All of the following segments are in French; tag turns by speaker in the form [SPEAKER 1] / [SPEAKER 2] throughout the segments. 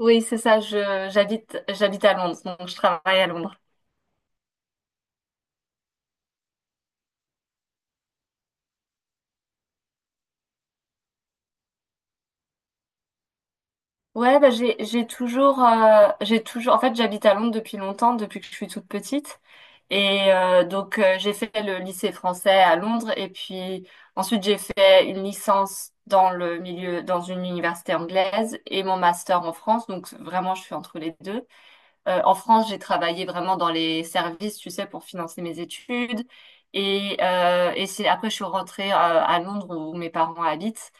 [SPEAKER 1] Oui, c'est ça, je j'habite j'habite à Londres, donc je travaille à Londres. Ouais, bah j'ai toujours, j'ai toujours en fait j'habite à Londres depuis longtemps, depuis que je suis toute petite. Et donc, j'ai fait le lycée français à Londres et puis ensuite j'ai fait une licence dans le milieu dans une université anglaise et mon master en France, donc vraiment je suis entre les deux. En France, j'ai travaillé vraiment dans les services, tu sais, pour financer mes études. Et c'est après, je suis rentrée à Londres où mes parents habitent.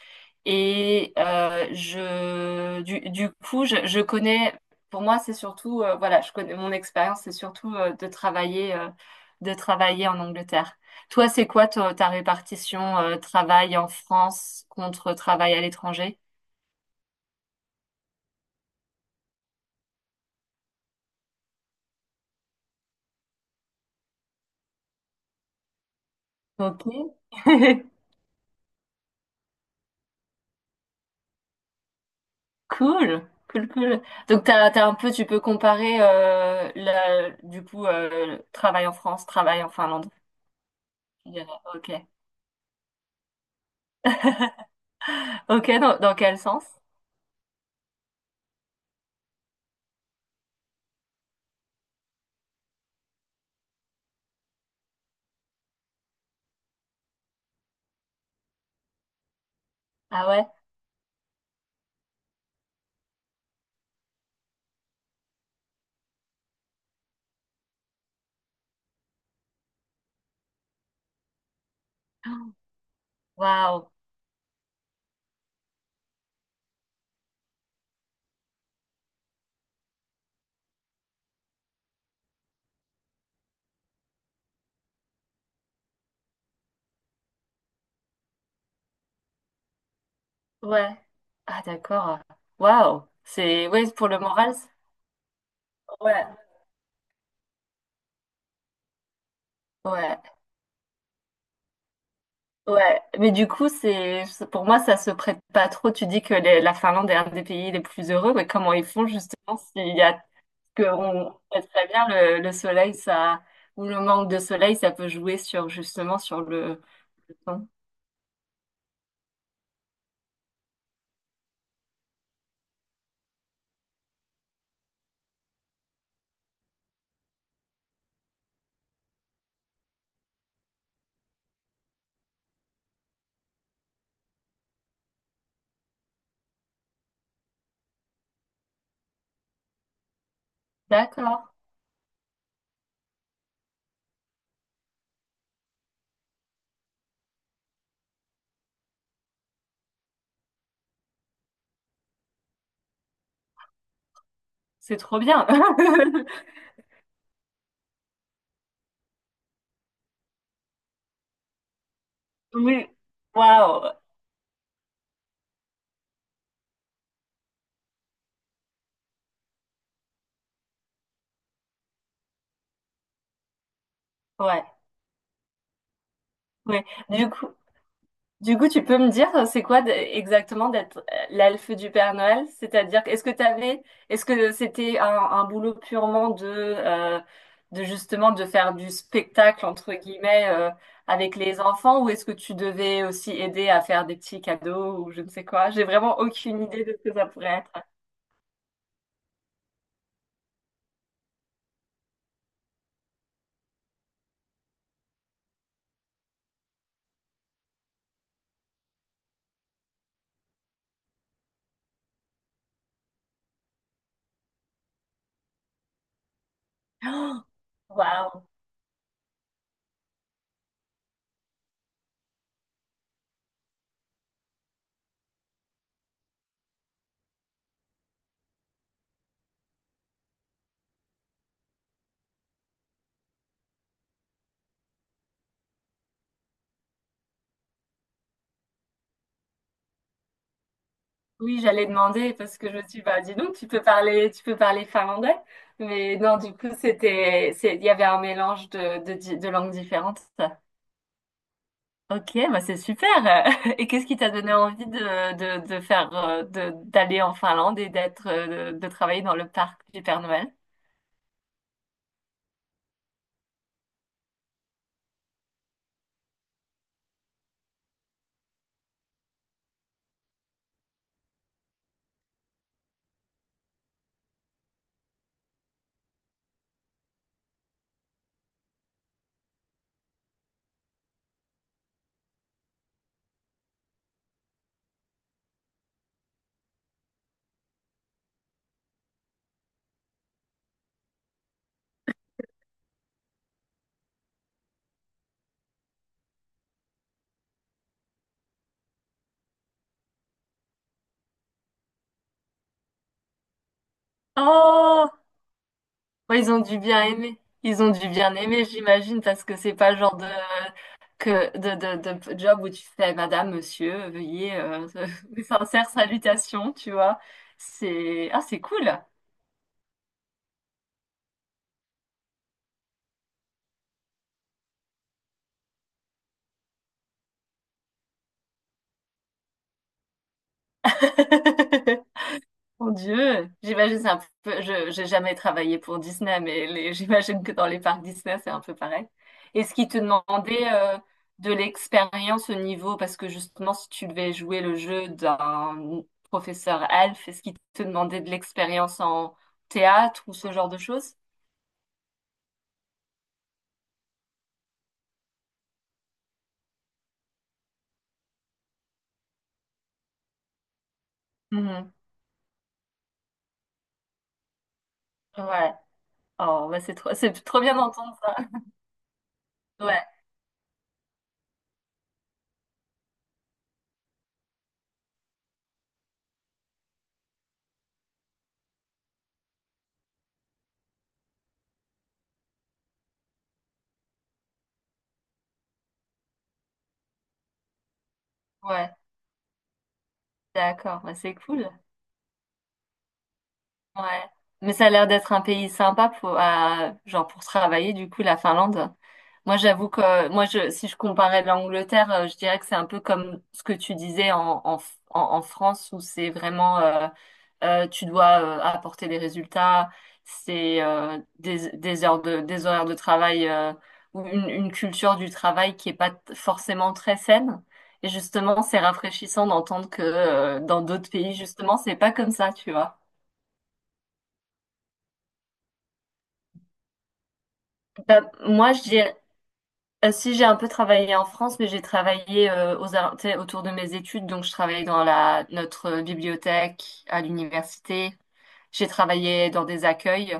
[SPEAKER 1] Et du coup, je connais, pour moi, c'est surtout, voilà, je connais mon expérience, c'est surtout de travailler, de travailler en Angleterre. Toi, c'est quoi ta, répartition travail en France contre travail à l'étranger? Ok. Cool, cool, cool. Donc t'as un peu, tu peux comparer du coup, travail en France, travail en Finlande, tu dirais. Ok, ok. Dans quel sens? Ah ouais. Waouh. Ouais. Ah d'accord. Waouh. C'est ouais pour le moral. Ouais. Ouais. Ouais. Mais du coup c'est pour moi, ça se prête pas trop. Tu dis que la Finlande est un des pays les plus heureux, mais comment ils font justement, s'il y a, que on sait très bien, le, soleil, ça, ou le manque de soleil, ça peut jouer sur, justement sur le temps. D'accord, c'est trop bien. Oui, waouh, ouais, ouais. Du coup. Du coup, tu peux me dire, c'est quoi exactement d'être l'elfe du Père Noël? C'est-à-dire, est-ce que t'avais, est-ce que c'était un, boulot purement de, justement de faire du spectacle entre guillemets, avec les enfants, ou est-ce que tu devais aussi aider à faire des petits cadeaux ou je ne sais quoi? J'ai vraiment aucune idée de ce que ça pourrait être. Waouh! Oui, j'allais demander parce que je me suis dit, bah, dis donc, tu peux parler finlandais. Mais non, du coup, c'était, c'est, il y avait un mélange de langues différentes. Ok, bah, c'est super. Et qu'est-ce qui t'a donné envie de faire, d'aller en Finlande et d'être, de travailler dans le parc du Père Noël? Ouais, ils ont dû bien aimer. Ils ont dû bien aimer, j'imagine, parce que c'est pas le genre de, que, de job où tu fais: Madame, Monsieur, veuillez, mes sincères salutations, tu vois. Ah, c'est cool. Mon Dieu, j'imagine c'est un peu. Je j'ai jamais travaillé pour Disney, mais j'imagine que dans les parcs Disney c'est un peu pareil. Est-ce qu'ils te demandaient de l'expérience au niveau, parce que justement si tu devais jouer le jeu d'un professeur Alf, est-ce qu'ils te demandaient de l'expérience en théâtre ou ce genre de choses? Mhm. Ouais. Oh, bah c'est trop bien d'entendre ça. Ouais, ouais, d'accord, bah c'est cool. Ouais. Mais ça a l'air d'être un pays sympa pour, genre pour travailler, du coup, la Finlande. Moi, j'avoue que, moi, je, si je comparais l'Angleterre, je dirais que c'est un peu comme ce que tu disais en, en France, où c'est vraiment, tu dois apporter des résultats, c'est des, heures de, des horaires de travail, ou une, culture du travail qui est pas forcément très saine. Et justement, c'est rafraîchissant d'entendre que dans d'autres pays, justement, c'est pas comme ça, tu vois. Bah, moi, si j'ai un peu travaillé en France, mais j'ai travaillé tu sais, autour de mes études. Donc, je travaillais dans notre bibliothèque à l'université. J'ai travaillé dans des accueils.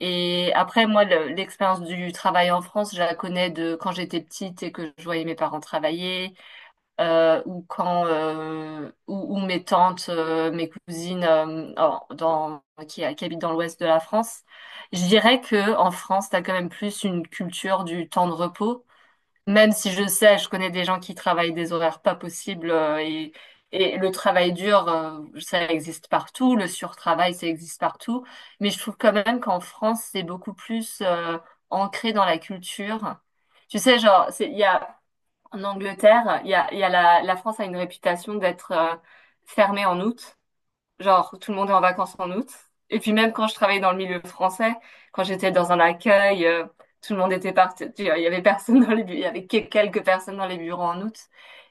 [SPEAKER 1] Et après, moi, l'expérience du travail en France, je la connais de quand j'étais petite et que je voyais mes parents travailler, ou quand, ou mes tantes, mes cousines, qui habitent dans l'ouest de la France. Je dirais que en France, t'as quand même plus une culture du temps de repos. Même si je connais des gens qui travaillent des horaires pas possibles, et le travail dur, ça existe partout, le surtravail, ça existe partout. Mais je trouve quand même qu'en France, c'est beaucoup plus ancré dans la culture. Tu sais, genre, il y a, en Angleterre, il y a la France a une réputation d'être fermée en août. Genre, tout le monde est en vacances en août. Et puis même quand je travaillais dans le milieu français, quand j'étais dans un accueil, tout le monde était parti, tu vois. Il y avait personne dans il y avait quelques personnes dans les bureaux en août.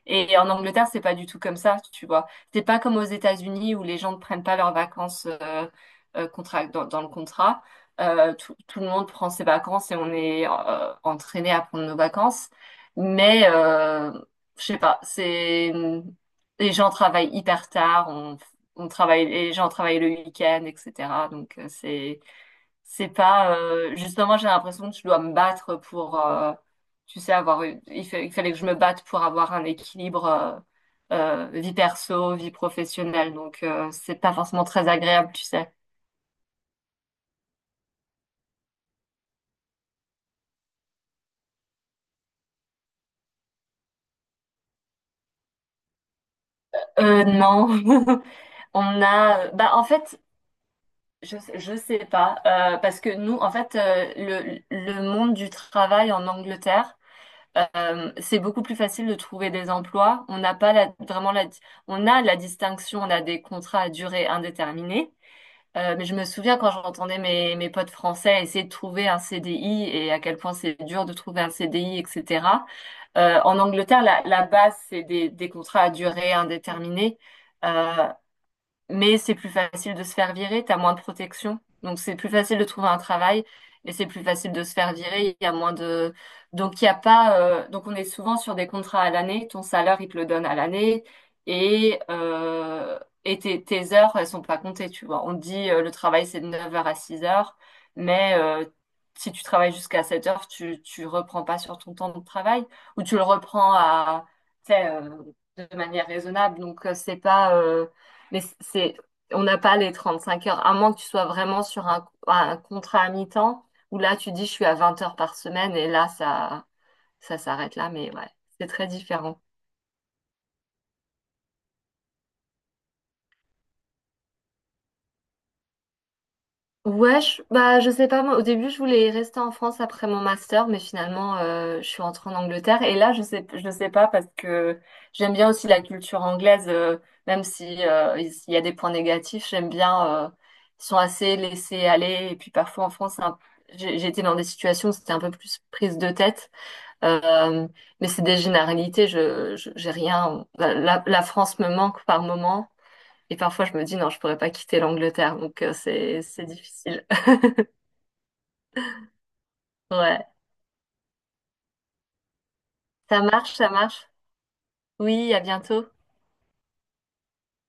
[SPEAKER 1] Et en Angleterre, c'est pas du tout comme ça, tu vois. C'est pas comme aux États-Unis où les gens ne prennent pas leurs vacances, dans le contrat. Tout le monde prend ses vacances et on est entraîné à prendre nos vacances. Mais je sais pas, c'est, les gens travaillent hyper tard. On, les gens travaillent le week-end, etc. Donc c'est pas, justement j'ai l'impression que je dois me battre pour, tu sais, avoir il fallait que je me batte pour avoir un équilibre, vie perso, vie professionnelle. Donc c'est pas forcément très agréable, tu sais. Non, on a bah en fait. Je sais pas, parce que nous, en fait, le monde du travail en Angleterre. C'est beaucoup plus facile de trouver des emplois. On n'a pas vraiment on a la distinction, on a des contrats à durée indéterminée. Mais je me souviens quand j'entendais mes, potes français essayer de trouver un CDI et à quel point c'est dur de trouver un CDI, etc. En Angleterre, la base, c'est des contrats à durée indéterminée. Euh, mais c'est plus facile de se faire virer, t'as moins de protection. Donc c'est plus facile de trouver un travail et c'est plus facile de se faire virer, il y a moins de... Donc il y a pas... donc on est souvent sur des contrats à l'année, ton salaire, il te le donne à l'année et, euh, et tes, heures, elles sont pas comptées, tu vois. On te dit le travail, c'est de 9 heures à 6 heures, mais si tu travailles jusqu'à 7 heures, tu reprends pas sur ton temps de travail, ou tu le reprends à... tu sais, de manière raisonnable. Donc c'est pas... mais on n'a pas les 35 heures, à moins que tu sois vraiment sur un, contrat à mi-temps, où là, tu dis, je suis à 20 heures par semaine, et là, ça, s'arrête là, mais ouais, c'est très différent. Ouais, bah, je sais pas, moi, au début, je voulais rester en France après mon master, mais finalement, je suis rentrée en Angleterre. Et là, je sais pas parce que j'aime bien aussi la culture anglaise, même si, il y a des points négatifs, j'aime bien, ils sont assez laissés aller. Et puis parfois en France, j'ai été dans des situations où c'était un peu plus prise de tête, euh, mais c'est des généralités, j'ai rien. La France me manque par moment. Et parfois, je me dis, non, je pourrais pas quitter l'Angleterre, donc c'est difficile. Ouais. Ça marche, ça marche. Oui, à bientôt.